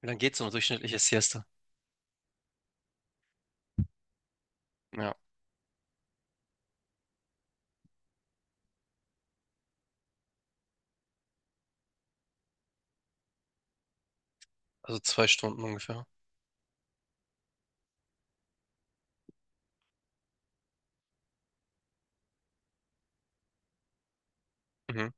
Wie lange geht so eine durchschnittliche Siesta? Ja, also zwei Stunden ungefähr. Mhm.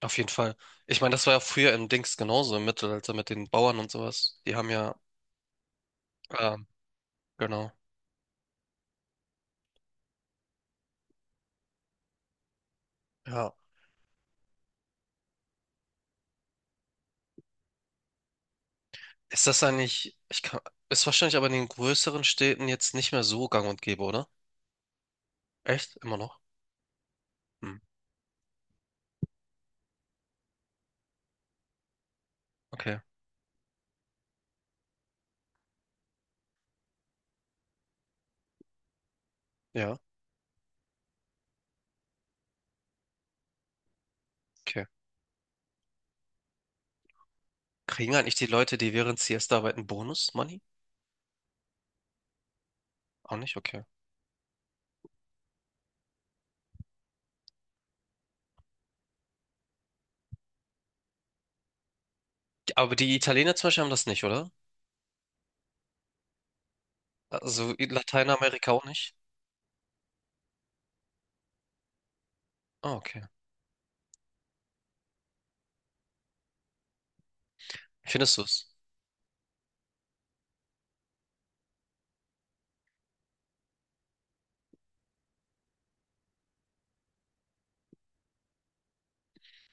Auf jeden Fall. Ich meine, das war ja früher im Dings genauso, im Mittelalter, also mit den Bauern und sowas. Die haben ja, ähm, genau. Ja. Ist das eigentlich, ist wahrscheinlich aber in den größeren Städten jetzt nicht mehr so gang und gäbe, oder? Echt? Immer noch? Hm. Okay. Ja, okay. Kriegen eigentlich die Leute, die während Siesta arbeiten, Bonus-Money? Auch nicht? Okay. Aber die Italiener zum Beispiel haben das nicht, oder? Also in Lateinamerika auch nicht? Ah, okay. Findest du es?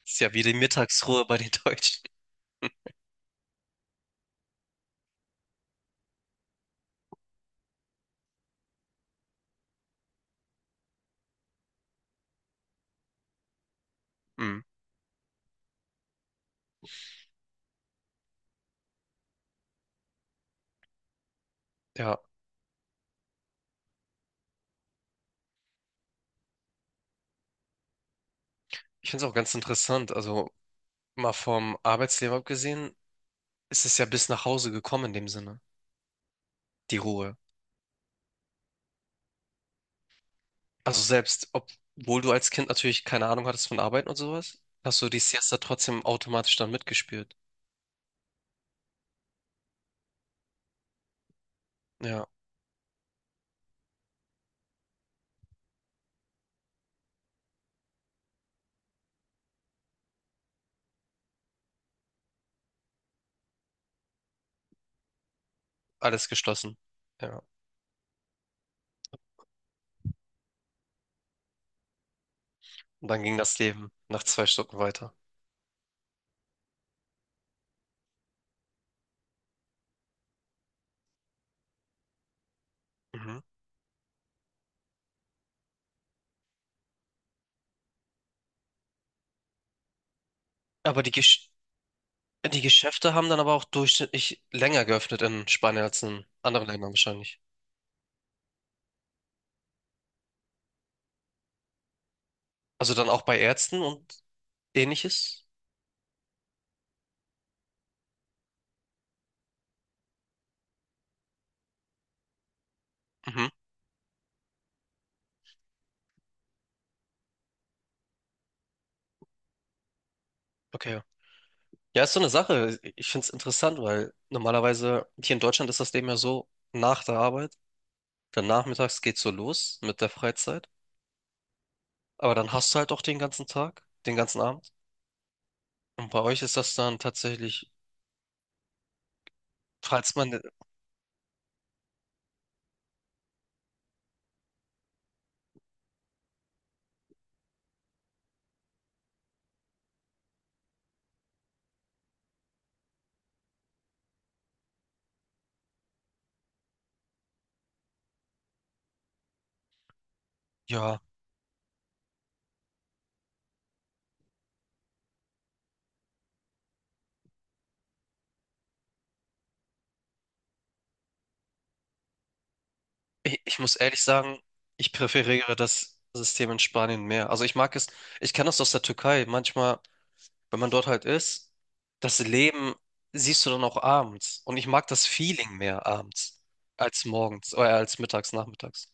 Ist ja wie die Mittagsruhe bei den Deutschen. Hm. Ja, ich finde es auch ganz interessant. Also mal vom Arbeitsleben abgesehen, ist es ja bis nach Hause gekommen in dem Sinne, die Ruhe. Also selbst, obwohl du als Kind natürlich keine Ahnung hattest von Arbeiten und sowas, hast du die Siesta trotzdem automatisch dann mitgespielt. Ja, alles geschlossen. Ja, und dann ging das Leben nach zwei Stunden weiter. Mhm. Aber die Gesch die Geschäfte haben dann aber auch durchschnittlich länger geöffnet in Spanien als in anderen Ländern wahrscheinlich. Also dann auch bei Ärzten und Ähnliches? Mhm. Okay. Ja, ist so eine Sache. Ich finde es interessant, weil normalerweise hier in Deutschland ist das Leben ja so, nach der Arbeit, dann nachmittags geht's so los mit der Freizeit, aber dann hast du halt auch den ganzen Tag, den ganzen Abend. Und bei euch ist das dann tatsächlich, falls man, ja, ich muss ehrlich sagen, ich präferiere das System in Spanien mehr. Also ich mag es, ich kenne das aus der Türkei. Manchmal, wenn man dort halt ist, das Leben siehst du dann auch abends. Und ich mag das Feeling mehr abends als morgens, oder als mittags, nachmittags.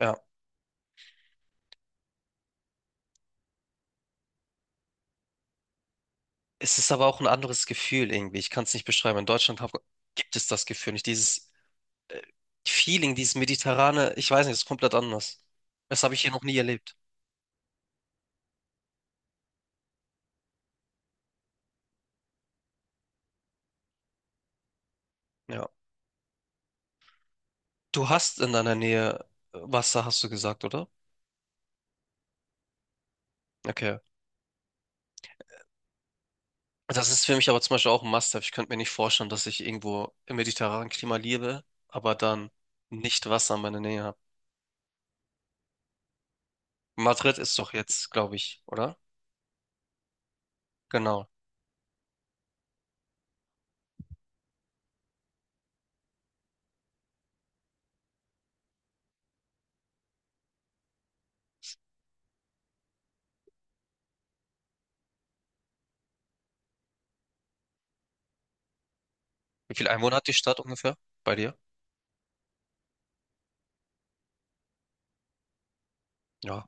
Ja. Es ist aber auch ein anderes Gefühl irgendwie. Ich kann es nicht beschreiben. In gibt es das Gefühl nicht. Dieses äh, Feeling, dieses mediterrane, ich weiß nicht, es ist komplett anders. Das habe ich hier noch nie erlebt. Ja. Du hast in deiner Nähe Wasser, hast du gesagt, oder? Okay. Das ist für mich aber zum Beispiel auch ein Must-have. Ich könnte mir nicht vorstellen, dass ich irgendwo im mediterranen Klima lebe, aber dann nicht Wasser in meiner Nähe habe. Madrid ist doch jetzt, glaube ich, oder? Genau. Wie viele Einwohner hat die Stadt ungefähr bei dir? Ja.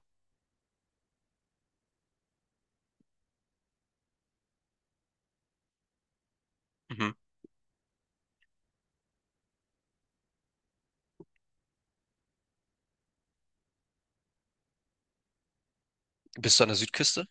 Mhm. Bist du an der Südküste?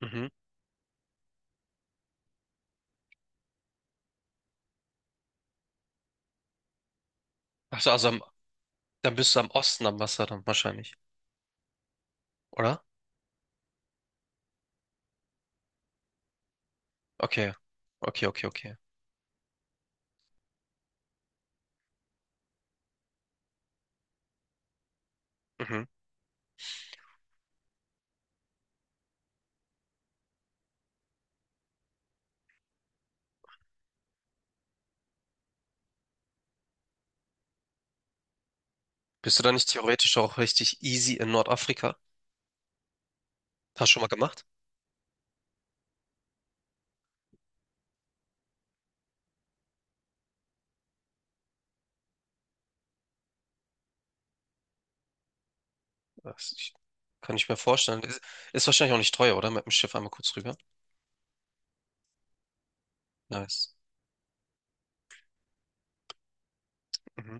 Mhm. Ach so, also am, dann bist du am Osten am Wasser dann wahrscheinlich, oder? Okay. Okay, okay, okay. Mhm. Bist du dann nicht theoretisch auch richtig easy in Nordafrika? Hast du schon mal gemacht? Das, ich, kann ich mir vorstellen. Ist wahrscheinlich auch nicht teuer, oder? Mit dem Schiff einmal kurz rüber. Nice. Mhm.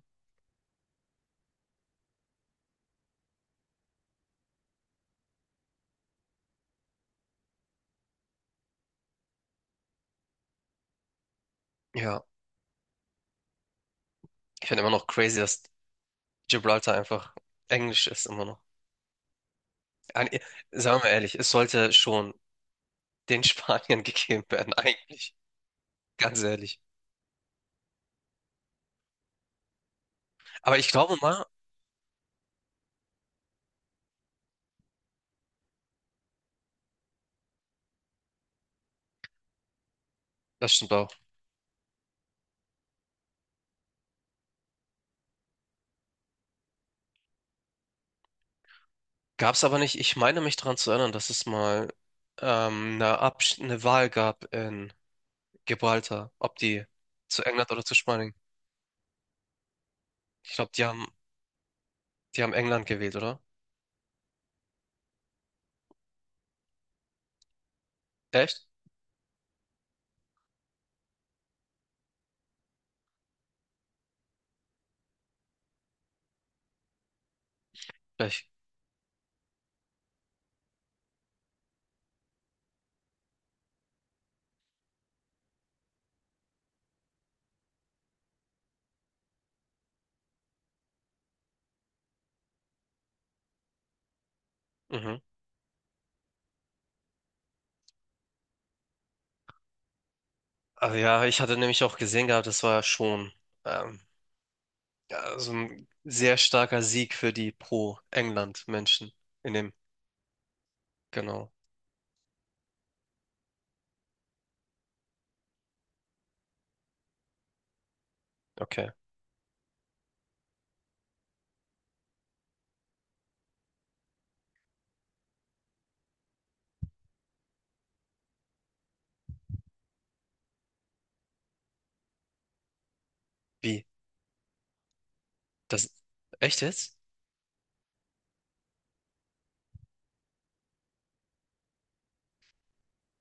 Ja, ich finde immer noch crazy, dass Gibraltar einfach Englisch ist, immer noch. Ein- Sagen wir ehrlich, es sollte schon den Spaniern gegeben werden, eigentlich. Ganz ehrlich. Aber ich glaube mal, das stimmt auch. Gab es aber nicht, ich meine mich daran zu erinnern, dass es mal eine Wahl gab in Gibraltar, ob die zu England oder zu Spanien. Ich glaube, die haben England gewählt, oder? Echt? Echt? Mhm. Also ja, ich hatte nämlich auch gesehen gehabt, das war ja schon. ähm, Ja, so ein sehr starker Sieg für die Pro-England-Menschen in dem, genau. Okay. Wie? Das, echt jetzt?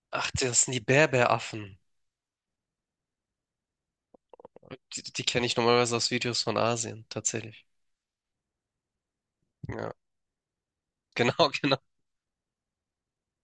Ach, das sind die Berberaffen. Die kenne ich normalerweise aus Videos von Asien, tatsächlich. Ja, genau, genau.